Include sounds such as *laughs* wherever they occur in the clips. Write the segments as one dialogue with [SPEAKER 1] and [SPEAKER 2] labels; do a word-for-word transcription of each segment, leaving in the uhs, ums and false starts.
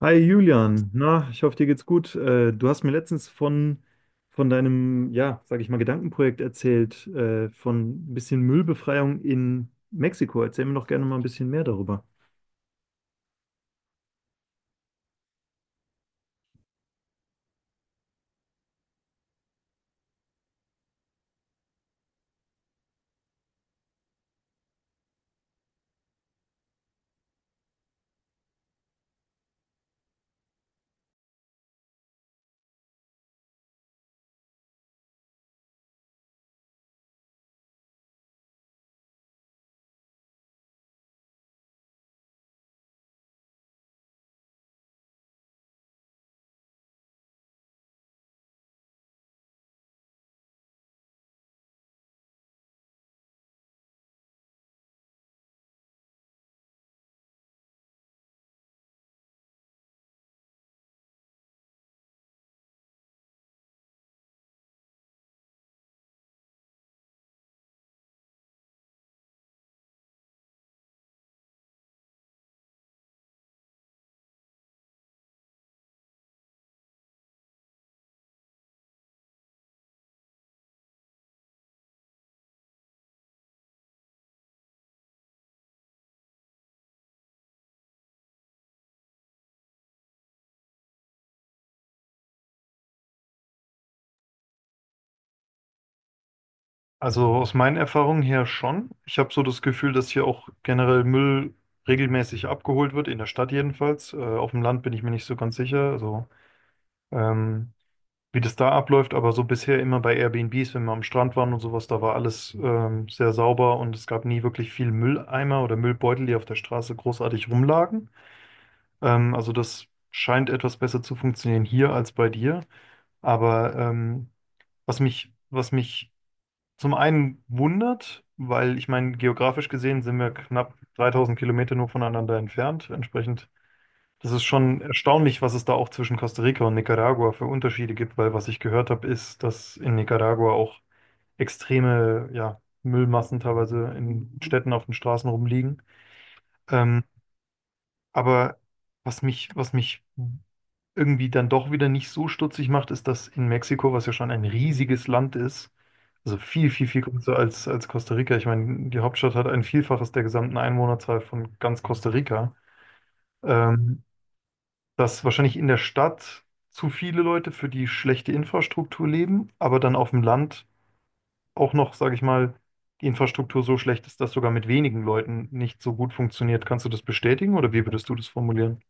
[SPEAKER 1] Hi Julian, na, ich hoffe, dir geht's gut. Äh, du hast mir letztens von, von deinem, ja, sag ich mal, Gedankenprojekt erzählt, äh, von ein bisschen Müllbefreiung in Mexiko. Erzähl mir doch gerne mal ein bisschen mehr darüber. Also aus meinen Erfahrungen her schon. Ich habe so das Gefühl, dass hier auch generell Müll regelmäßig abgeholt wird, in der Stadt jedenfalls. Äh, auf dem Land bin ich mir nicht so ganz sicher. Also ähm, wie das da abläuft, aber so bisher immer bei Airbnbs, wenn wir am Strand waren und sowas, da war alles ähm, sehr sauber und es gab nie wirklich viel Mülleimer oder Müllbeutel, die auf der Straße großartig rumlagen. Ähm, also das scheint etwas besser zu funktionieren hier als bei dir. Aber ähm, was mich, was mich zum einen wundert, weil ich meine, geografisch gesehen sind wir knapp dreitausend Kilometer nur voneinander entfernt. Entsprechend, das ist schon erstaunlich, was es da auch zwischen Costa Rica und Nicaragua für Unterschiede gibt, weil was ich gehört habe, ist, dass in Nicaragua auch extreme, ja, Müllmassen teilweise in Städten auf den Straßen rumliegen. Ähm, aber was mich, was mich irgendwie dann doch wieder nicht so stutzig macht, ist, dass in Mexiko, was ja schon ein riesiges Land ist, also viel, viel, viel größer als, als Costa Rica. Ich meine, die Hauptstadt hat ein Vielfaches der gesamten Einwohnerzahl von ganz Costa Rica. Ähm, Dass wahrscheinlich in der Stadt zu viele Leute für die schlechte Infrastruktur leben, aber dann auf dem Land auch noch, sage ich mal, die Infrastruktur so schlecht ist, dass sogar mit wenigen Leuten nicht so gut funktioniert. Kannst du das bestätigen oder wie würdest du das formulieren?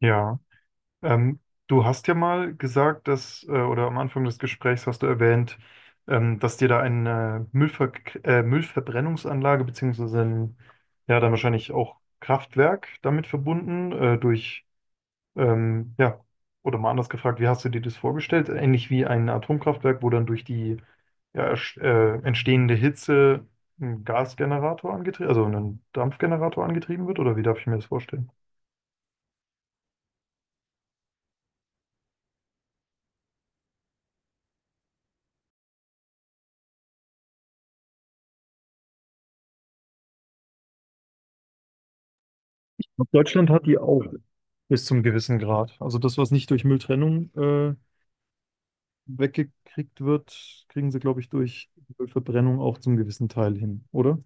[SPEAKER 1] Ja, ähm, du hast ja mal gesagt, dass, äh, oder am Anfang des Gesprächs hast du erwähnt, ähm, dass dir da eine Müllver äh, Müllverbrennungsanlage beziehungsweise ein, ja, dann wahrscheinlich auch Kraftwerk damit verbunden, äh, durch. Ähm, ja, oder mal anders gefragt, wie hast du dir das vorgestellt? Ähnlich wie ein Atomkraftwerk, wo dann durch die, ja, ersch- äh, entstehende Hitze ein Gasgenerator angetrieben, also ein Dampfgenerator angetrieben wird, oder wie darf ich mir das vorstellen? Glaube, Deutschland hat die auch bis zum gewissen Grad. Also das, was nicht durch Mülltrennung äh, weggekriegt wird, kriegen sie, glaube ich, durch Verbrennung auch zum gewissen Teil hin, oder?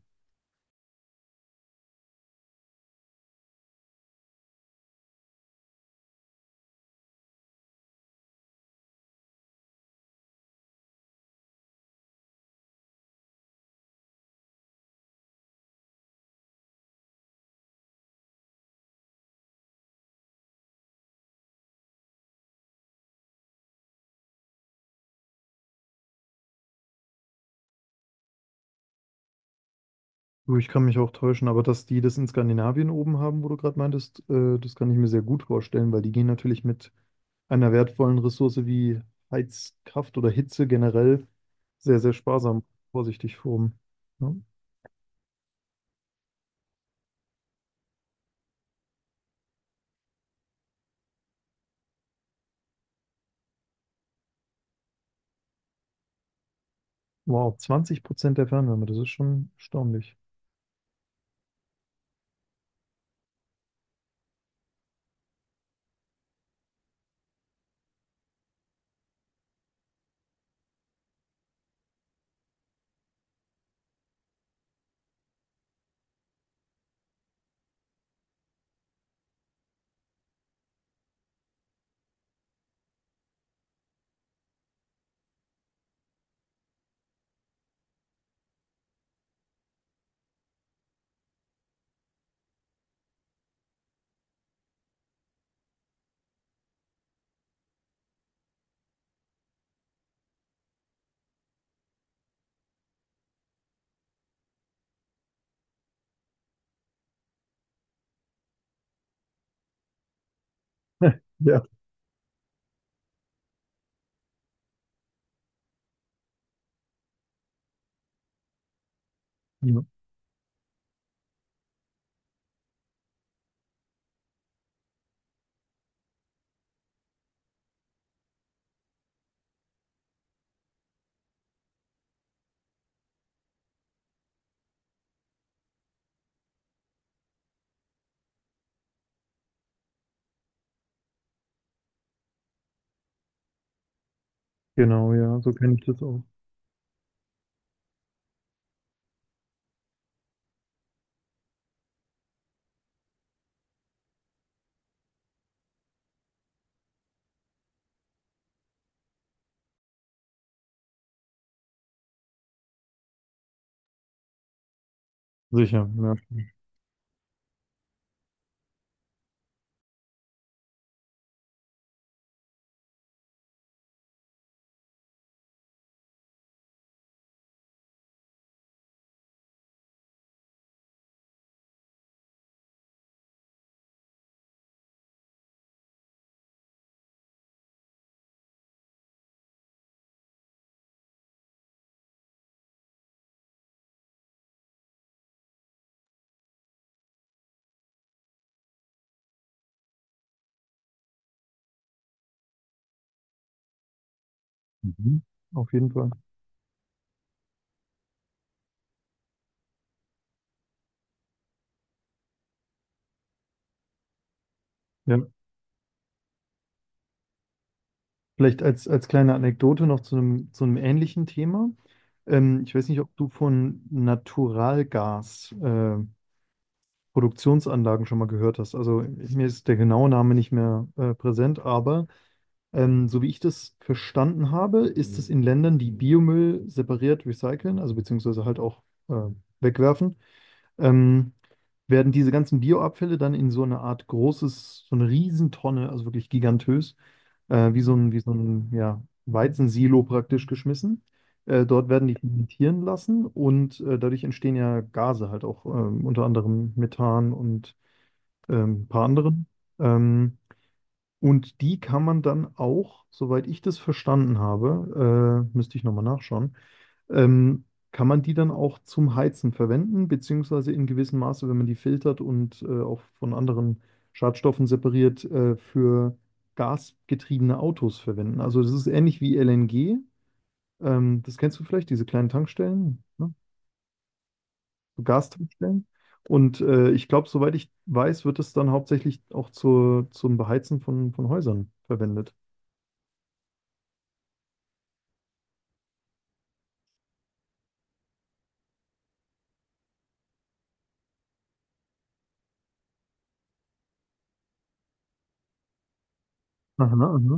[SPEAKER 1] Du, ich kann mich auch täuschen, aber dass die das in Skandinavien oben haben, wo du gerade meintest, äh, das kann ich mir sehr gut vorstellen, weil die gehen natürlich mit einer wertvollen Ressource wie Heizkraft oder Hitze generell sehr, sehr sparsam, vorsichtig vorm. Ja. Wow, zwanzig Prozent der Fernwärme, das ist schon erstaunlich. *laughs* Ja. Ja. Genau, ja, so kenne ich das auch. Sicher, ja. Mhm. Auf jeden Fall. Ja. Vielleicht als, als kleine Anekdote noch zu einem, zu einem ähnlichen Thema. Ähm, ich weiß nicht, ob du von Naturalgas, äh, Produktionsanlagen schon mal gehört hast. Also mir ist der genaue Name nicht mehr, äh, präsent, aber ähm, so wie ich das verstanden habe, ist es in Ländern, die Biomüll separiert recyceln, also beziehungsweise halt auch äh, wegwerfen, ähm, werden diese ganzen Bioabfälle dann in so eine Art großes, so eine Riesentonne, also wirklich gigantös, äh, wie so ein, wie so ein, ja, Weizensilo praktisch geschmissen. Äh, dort werden die fermentieren lassen und äh, dadurch entstehen ja Gase halt auch, ähm, unter anderem Methan und ähm, ein paar anderen. Ähm, und die kann man dann auch, soweit ich das verstanden habe, äh, müsste ich nochmal nachschauen, ähm, kann man die dann auch zum Heizen verwenden, beziehungsweise in gewissem Maße, wenn man die filtert und äh, auch von anderen Schadstoffen separiert, äh, für gasgetriebene Autos verwenden? Also das ist ähnlich wie L N G. Ähm, das kennst du vielleicht, diese kleinen Tankstellen, ne? So Gastankstellen. Und äh, ich glaube, soweit ich weiß, wird es dann hauptsächlich auch zur, zum Beheizen von, von Häusern verwendet. Aha, aha.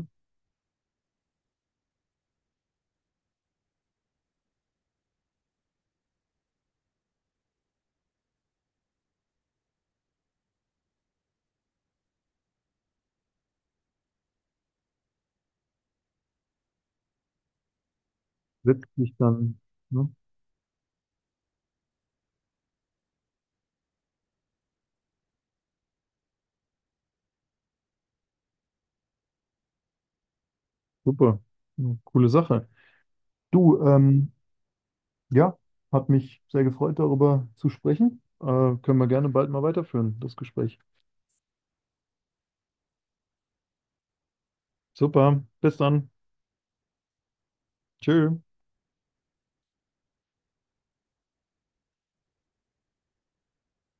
[SPEAKER 1] Letztlich dann. Ne? Super. Ja, coole Sache. Du, ähm. Ja, hat mich sehr gefreut, darüber zu sprechen. Äh, können wir gerne bald mal weiterführen, das Gespräch. Super, bis dann. Tschö.